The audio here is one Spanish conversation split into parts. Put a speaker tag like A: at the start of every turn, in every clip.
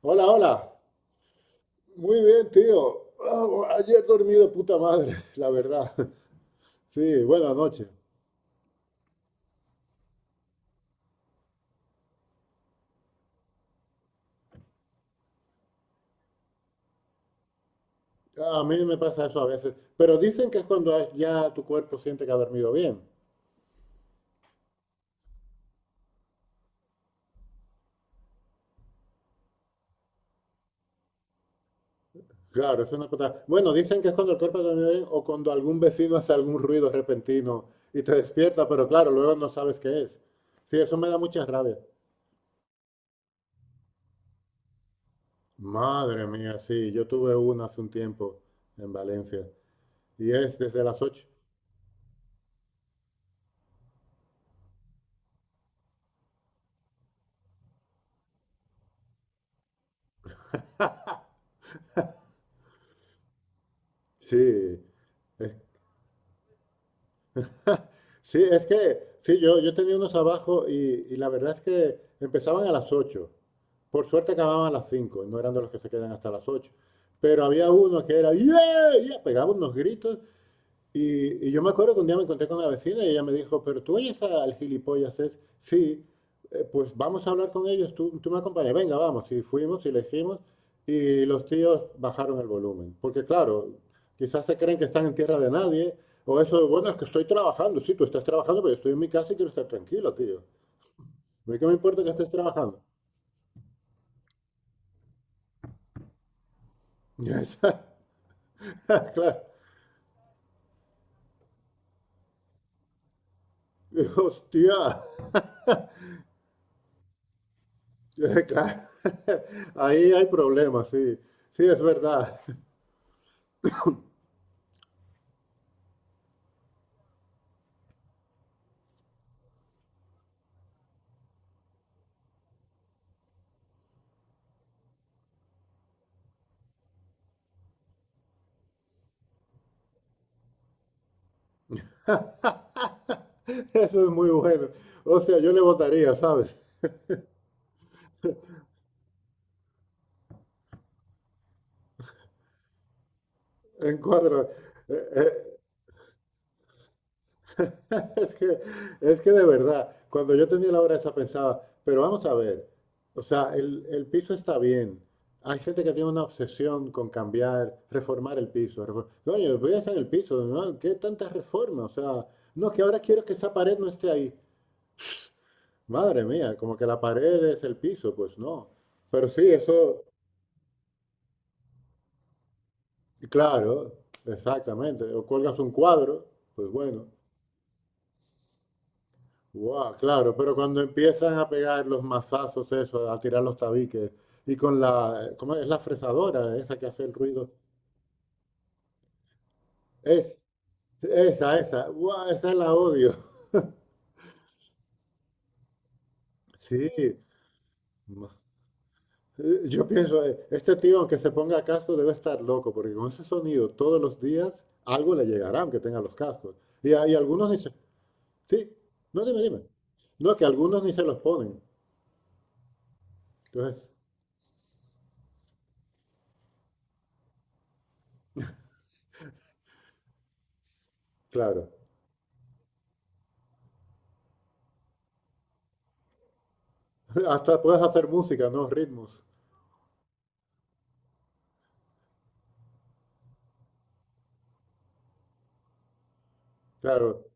A: Hola, hola. Muy bien, tío. Ah, ayer dormí de puta madre, la verdad. Sí, buena noche. Ah, a mí me pasa eso a veces. Pero dicen que es cuando ya tu cuerpo siente que ha dormido bien. Claro, es una cosa. Bueno, dicen que es cuando el cuerpo ha dormido bien o cuando algún vecino hace algún ruido repentino y te despierta, pero claro, luego no sabes qué es. Sí, eso me da mucha rabia. Madre mía, sí, yo tuve una hace un tiempo en Valencia y es desde las 8. Sí, es Sí, es que, sí, yo tenía unos abajo y la verdad es que empezaban a las 8. Por suerte acababan a las 5. No eran de los que se quedan hasta las 8. Pero había uno que era, ¡yeah! Yeah, pegaba unos gritos y yo me acuerdo que un día me encontré con una vecina y ella me dijo, pero tú oyes al gilipollas, es, sí, pues vamos a hablar con ellos, tú me acompañas, venga, vamos. Y fuimos y le hicimos y los tíos bajaron el volumen. Porque claro, quizás se creen que están en tierra de nadie o eso, bueno, es que estoy trabajando, sí, tú estás trabajando, pero yo estoy en mi casa y quiero estar tranquilo, tío. ¿A mí qué me importa que estés trabajando? Y esa- Claro. Hostia, claro. Ahí hay problemas, sí. Sí, es verdad. Eso es muy bueno. Hostia, yo le votaría, ¿sabes? En cuadro. Eh, eh, es que, es que, de verdad, cuando yo tenía la hora esa pensaba, pero vamos a ver, o sea, el piso está bien. Hay gente que tiene una obsesión con cambiar, reformar el piso. Coño, voy a hacer el piso, ¿no? ¿Qué tanta reforma? O sea, no, que ahora quiero que esa pared no esté ahí. Madre mía, como que la pared es el piso, pues no. Pero sí, eso, claro, exactamente. O cuelgas un cuadro, pues bueno, guau, claro. Pero cuando empiezan a pegar los mazazos, eso, a tirar los tabiques, y ¿cómo es la fresadora esa que hace el ruido? Es, esa, guau, esa la odio. Sí, ma- yo pienso, este tío, aunque se ponga casco, debe estar loco, porque con ese sonido todos los días algo le llegará, aunque tenga los cascos. Hay algunos ni se, sí, no dime, dime. No, que algunos ni se los ponen. Entonces, claro. Hasta puedes hacer música, ¿no? Ritmos. Claro.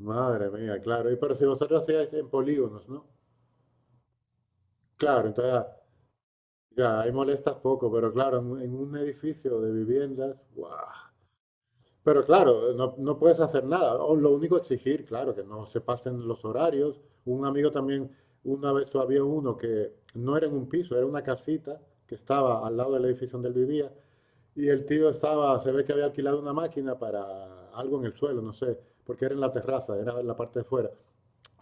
A: Madre mía, claro. Y pero si vosotros hacíais en polígonos, ¿no? Claro, entonces ya, ya, ahí molestas poco, pero claro, en un edificio de viviendas, ¡guau! Pero claro, no puedes hacer nada. O lo único exigir, claro, que no se pasen los horarios. Un amigo también, una vez había uno que no era en un piso, era una casita que estaba al lado del edificio donde él vivía, y el tío estaba, se ve que había alquilado una máquina para algo en el suelo, no sé, porque era en la terraza, era en la parte de fuera.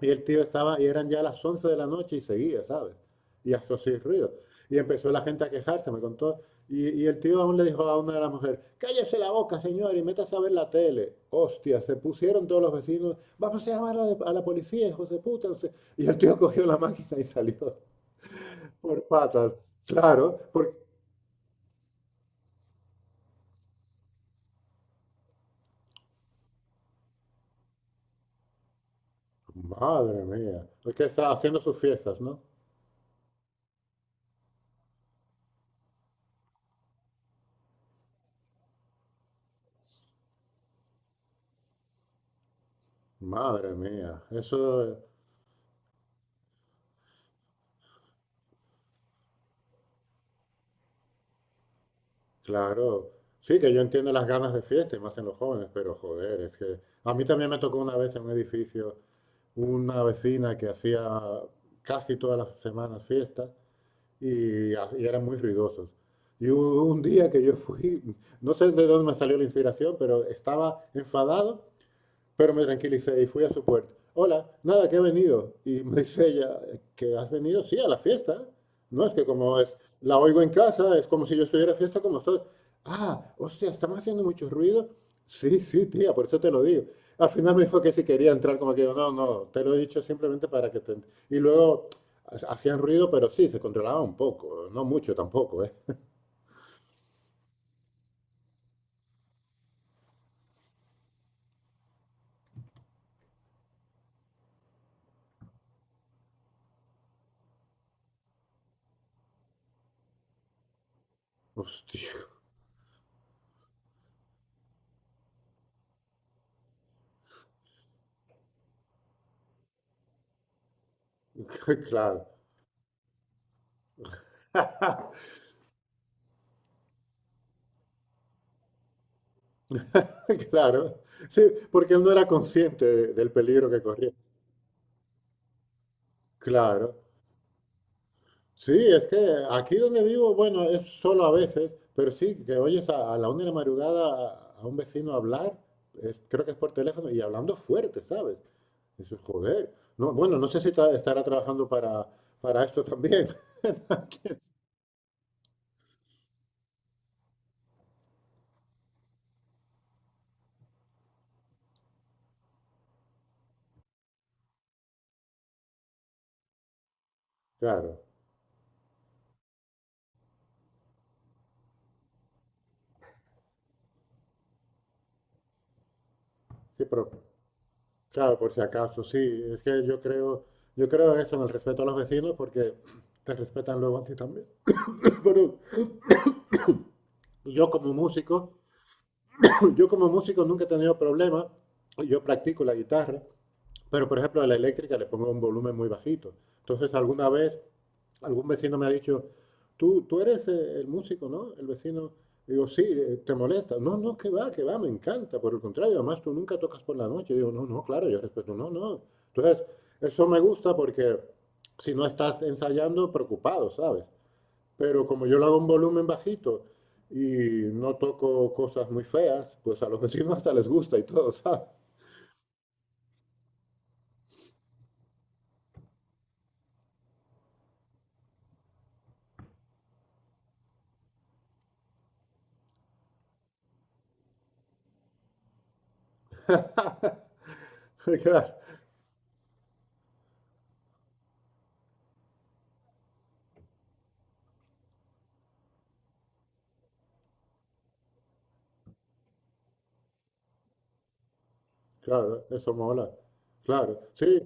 A: Y el tío estaba, y eran ya las 11 de la noche y seguía, ¿sabes? Y hasta así ruido. Y empezó la gente a quejarse, me contó. Y el tío aún le dijo a una de las mujeres, cállese la boca, señor, y métase a ver la tele. Hostia, se pusieron todos los vecinos, vamos a llamar a la policía, hijos de puta, no sé. Y el tío cogió la máquina y salió por patas. Claro, porque, madre mía, porque que está haciendo sus fiestas, ¿no? Madre mía, eso, claro. Sí, que yo entiendo las ganas de fiesta y más en los jóvenes, pero joder, es que a mí también me tocó una vez en un edificio una vecina que hacía casi todas las semanas fiesta y eran muy ruidosos. Y hubo un día que yo fui, no sé de dónde me salió la inspiración, pero estaba enfadado. Pero me tranquilicé y fui a su puerta. Hola, nada, que he venido. Y me dice ella, ¿que has venido? Sí, a la fiesta. No, es que como es, la oigo en casa, es como si yo estuviera a fiesta con vosotros. Ah, hostia, estamos haciendo mucho ruido. Sí, sí, tía, por eso te lo digo. Al final me dijo que si quería entrar, como que yo, no, no, te lo he dicho simplemente para que te. Y luego hacían ruido, pero sí, se controlaba un poco, no mucho tampoco, ¿eh? Hostia, claro. Claro, sí, porque él no era consciente del peligro que corría. Claro, sí, es que aquí donde vivo, bueno, es solo a veces, pero sí, que oyes a la 1 de la madrugada a un vecino hablar, creo que es por teléfono, y hablando fuerte, ¿sabes? Eso es joder. No, bueno, no sé si estará trabajando para esto también. Claro, sí, pero claro, por si acaso, sí, es que yo creo eso en el respeto a los vecinos porque te respetan luego a ti también. Bueno, yo como músico. Yo como músico nunca he tenido problemas, yo practico la guitarra, pero por ejemplo a la eléctrica le pongo un volumen muy bajito. Entonces alguna vez algún vecino me ha dicho, tú eres el músico, ¿no? El vecino, digo, sí, te molesta. No, no, que va, me encanta. Por el contrario, además tú nunca tocas por la noche. Digo, no, no, claro, yo respeto, no, no. Entonces, eso me gusta porque si no estás ensayando, preocupado, ¿sabes? Pero como yo lo hago en volumen bajito y no toco cosas muy feas, pues a los vecinos hasta les gusta y todo, ¿sabes? Claro, claro, eso mola. Claro, sí,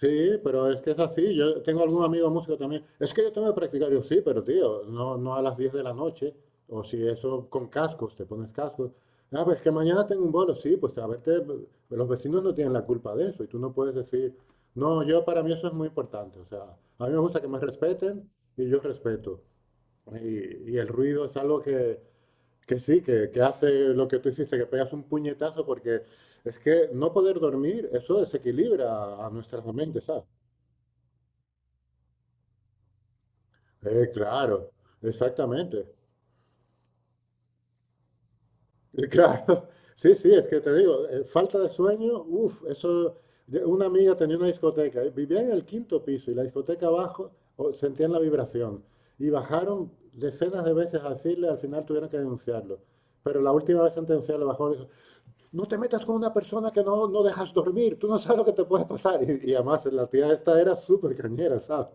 A: sí, pero es que es así. Yo tengo algún amigo músico también. Es que yo tengo que practicar. Yo, sí, pero tío, no, no a las 10 de la noche. O si eso con cascos, te pones cascos. Ah, pues que mañana tengo un bolo. Sí, pues a verte, los vecinos no tienen la culpa de eso. Y tú no puedes decir, no, yo para mí eso es muy importante. O sea, a mí me gusta que me respeten y yo respeto. Y el ruido es algo que sí, que hace lo que tú hiciste, que pegas un puñetazo porque es que no poder dormir, eso desequilibra a nuestras mentes, ¿sabes? Claro, exactamente. Claro, sí, sí, es que te digo, falta de sueño, uff, eso. Una amiga tenía una discoteca, vivía en el quinto piso y la discoteca abajo sentían la vibración. Y bajaron decenas de veces a decirle, al final tuvieron que denunciarlo. Pero la última vez sentenciarlo bajó, y dijo, no te metas con una persona que no dejas dormir, tú no sabes lo que te puede pasar. Y además la tía esta era súper cañera, ¿sabes?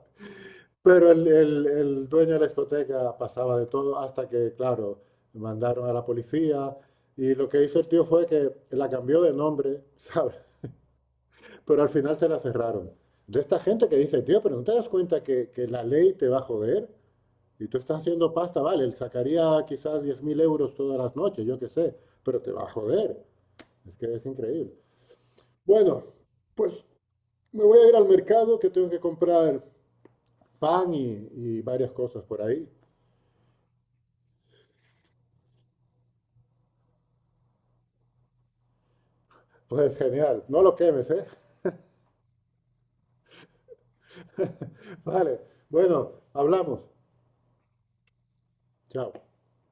A: Pero el dueño de la discoteca pasaba de todo hasta que, claro, mandaron a la policía y lo que hizo el tío fue que la cambió de nombre, ¿sabes? Pero al final se la cerraron. De esta gente que dice, tío, pero ¿no te das cuenta que la ley te va a joder? Y tú estás haciendo pasta, vale, él sacaría quizás 10.000 euros todas las noches, yo qué sé, pero te va a joder. Es que es increíble. Bueno, pues me voy a ir al mercado que tengo que comprar pan y varias cosas por ahí. Pues genial, no lo quemes, ¿eh? Vale, bueno, hablamos. Chao.